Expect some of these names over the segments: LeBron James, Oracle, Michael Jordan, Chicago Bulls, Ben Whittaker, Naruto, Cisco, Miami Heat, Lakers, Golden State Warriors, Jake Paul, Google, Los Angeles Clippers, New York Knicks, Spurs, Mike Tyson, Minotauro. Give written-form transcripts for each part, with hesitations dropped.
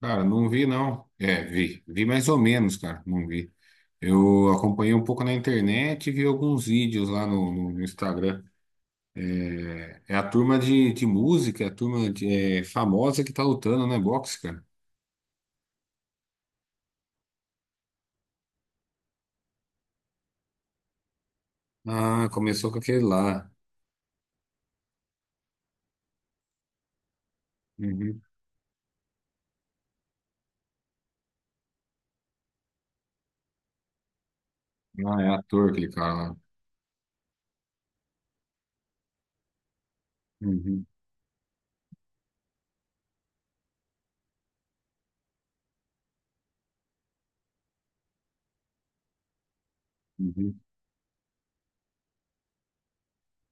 Cara, não vi não. É, vi. Vi mais ou menos, cara. Não vi. Eu acompanhei um pouco na internet e vi alguns vídeos lá no Instagram. É a turma de música, é a turma de, famosa que tá lutando, né? Boxe, cara. Ah, começou com aquele lá. Uhum. Ah, é ator aquele cara lá. Uhum, uhum.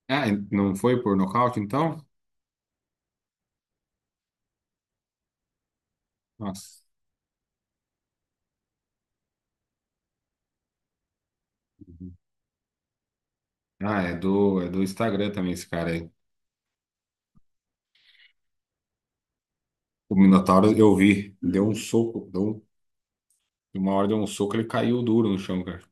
Ah, e não foi por nocaute, então? Nossa. Uhum. Ah, é do Instagram também esse cara aí. O Minotauro eu vi. Deu um soco, uma hora deu um soco, ele caiu duro no chão, cara.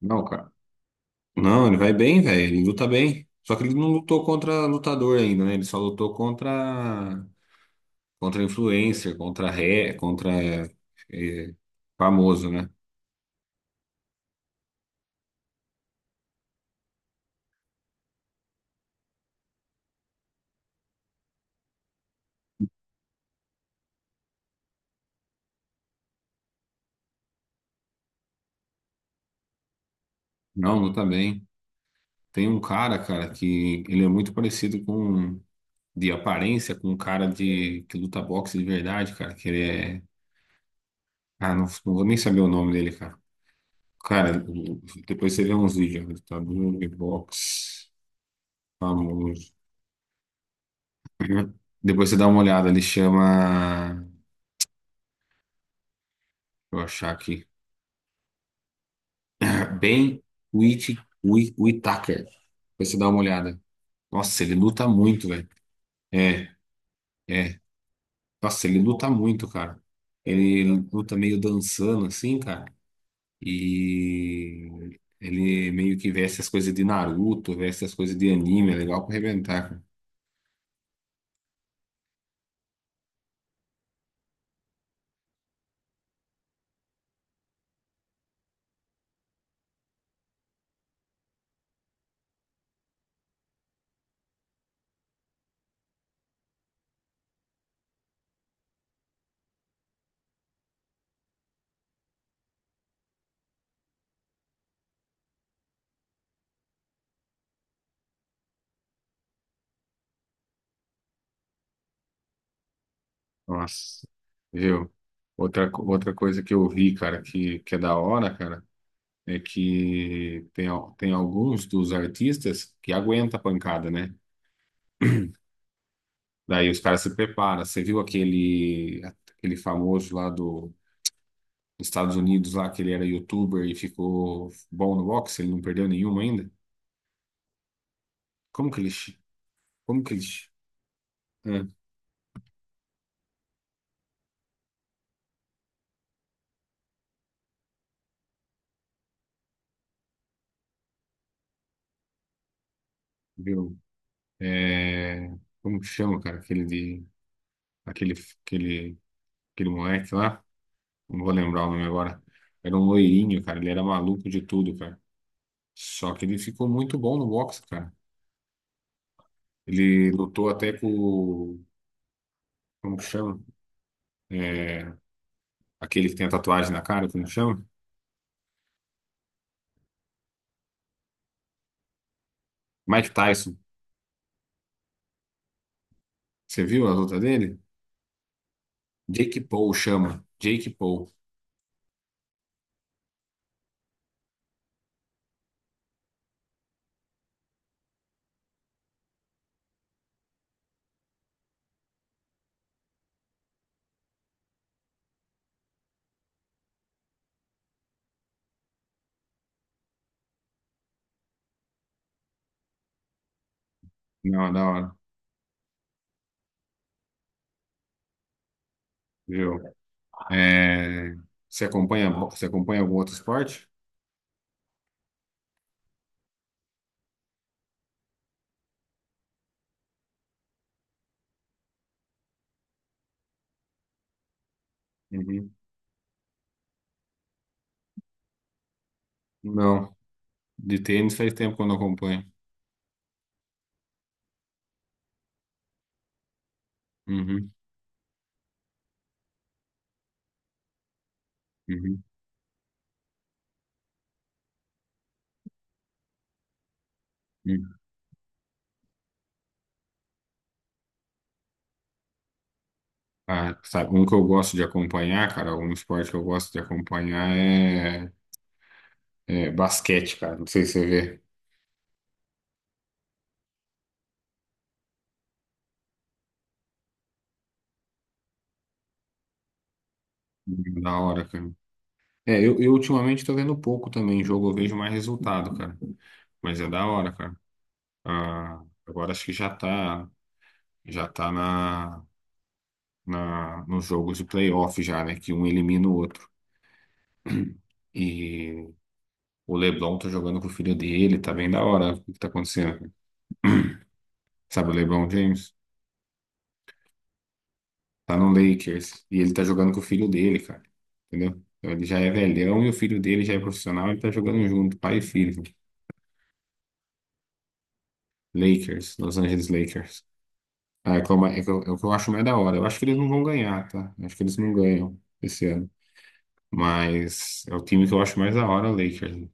Não, cara. Não, ele vai bem, velho. Ele luta bem. Só que ele não lutou contra lutador ainda, né? Ele só lutou contra influencer, contra ré, contra eh, famoso, né? Não, luta bem. Tem um cara, cara, que ele é muito parecido com de aparência com um cara de que luta boxe de verdade, cara, que ele é Ah, não, não vou nem saber o nome dele, cara. Cara, depois você vê uns vídeos, né? Lutador de boxe famoso. Uhum. Depois você dá uma olhada, ele chama. Deixa eu achar aqui. Ben Whit- Whittaker. Depois você dá uma olhada. Nossa, ele luta muito, velho. É, é. Nossa, ele luta muito, cara. Ele luta meio dançando, assim, cara. E ele meio que veste as coisas de Naruto, veste as coisas de anime. É legal pra arrebentar, cara. Nossa, viu? Outra coisa que eu vi, cara, que é da hora, cara. É que tem, tem alguns dos artistas que aguenta a pancada, né? Daí os caras se preparam. Você viu aquele, aquele famoso lá do, dos Estados Unidos, lá que ele era youtuber e ficou bom no boxe, ele não perdeu nenhum ainda? Como que ele. chi- Como que ele. Chi- Ah, viu? É, como que chama, cara? Aquele de. Aquele, aquele, aquele moleque lá. Não vou lembrar o nome agora. Era um loirinho, cara. Ele era maluco de tudo, cara. Só que ele ficou muito bom no boxe, cara. Ele lutou até com, o- Como que chama? É, Aquele que tem a tatuagem na cara, como que chama? Mike Tyson. Você viu a luta dele? Jake Paul chama. Jake Paul. Não, da hora. Viu? É, você acompanha algum outro esporte? Uhum. Não. De tênis faz tempo que eu não acompanho. Uhum, uhum, uhum. Ah, sabe, um que eu gosto de acompanhar, cara, um esporte que eu gosto de acompanhar é basquete, cara. Não sei se você vê. Da hora, cara. É, eu ultimamente tô vendo pouco também jogo, eu vejo mais resultado, cara. Mas é da hora, cara. Ah, agora acho que já tá nos jogos de playoff já, né? Que um elimina o outro. E o LeBron tá jogando com o filho dele, tá bem da hora o que tá acontecendo. Cara. Sabe o LeBron James? Tá no Lakers. E ele tá jogando com o filho dele, cara. Entendeu? Então ele já é velhão e o filho dele já é profissional, ele tá jogando junto, pai e filho. Lakers, Los Angeles Lakers. Ah, é, que é uma- é que eu- É o que eu acho mais da hora. Eu acho que eles não vão ganhar, tá? Eu acho que eles não ganham esse ano. Mas é o time que eu acho mais da hora, o Lakers.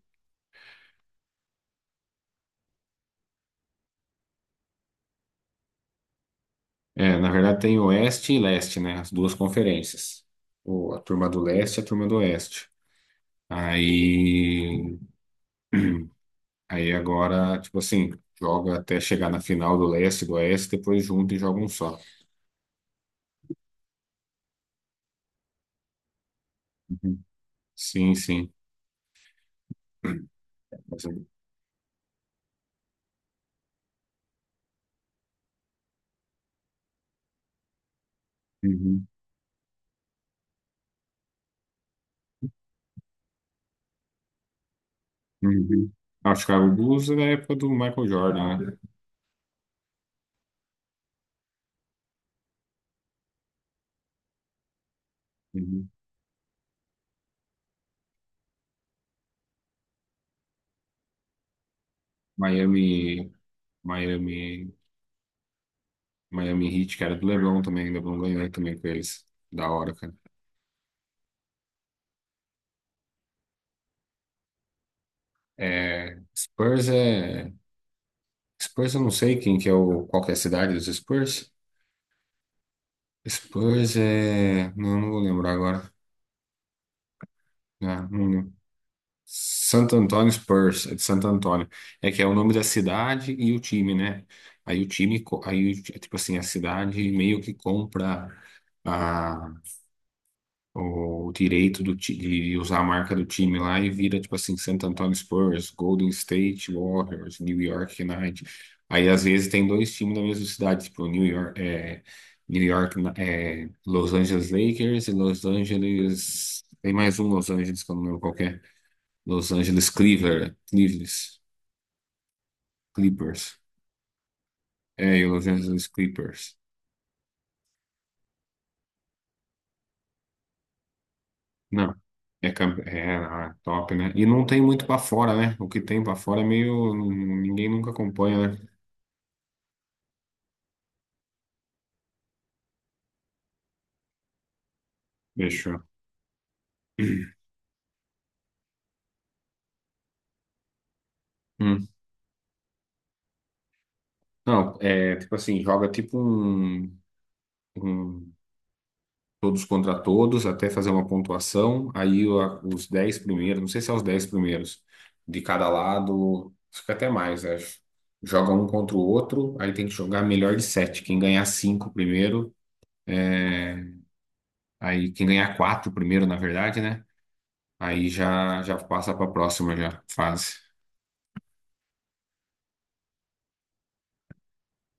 É, na verdade tem Oeste e Leste, né? As duas conferências. A turma do Leste e a turma do Oeste. Aí. Aí agora, tipo assim, joga até chegar na final do Leste e do Oeste, depois junta e joga um só. Uhum. Sim, sim. Mas, uhum. Uhum. Ah, o Chicago Bulls é da época do Michael Jordan, né? Uhum. Miami, Miami, Miami Heat, que era do LeBron também, LeBron ganhou também com eles. Da hora, cara. É. Spurs eu não sei quem que é o. Qual que é a cidade dos Spurs? Spurs é. Não, não vou lembrar agora. Ah, não lembro. Santo Antônio Spurs, é de Santo Antônio. É que é o nome da cidade e o time, né? Aí o time, co- aí, o ti- Tipo assim, a cidade meio que compra. a o direito de usar a marca do time lá e vira, tipo assim, Santo Antonio Spurs, Golden State Warriors, New York Knight. Aí, às vezes, tem dois times na mesma cidade, tipo, New York, Los Angeles Lakers e Los Angeles... Tem mais um Los Angeles, que eu não lembro qual que é. Los Angeles Cleaver, Cleavers, Clippers. É, e Los Angeles Clippers. Não. Top, né? E não tem muito pra fora, né? O que tem pra fora é meio. Ninguém nunca acompanha, né? Fechou. Hum. Não, é tipo assim, joga tipo um todos contra todos até fazer uma pontuação. Os 10 primeiros, não sei se é os 10 primeiros, de cada lado, fica até mais, acho. Joga um contra o outro, aí tem que jogar melhor de sete. Quem ganhar 5 primeiro, é, aí quem ganhar 4 primeiro, na verdade, né? Aí já passa para a próxima já, fase.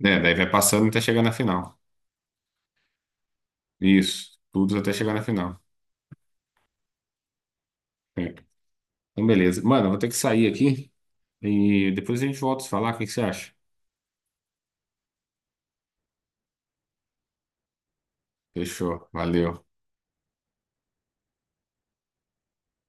É, daí vai passando até chegar na final. Isso, tudo até chegar na final. É. Então, beleza. Mano, eu vou ter que sair aqui e depois a gente volta a se falar. O que que você acha? Fechou, valeu.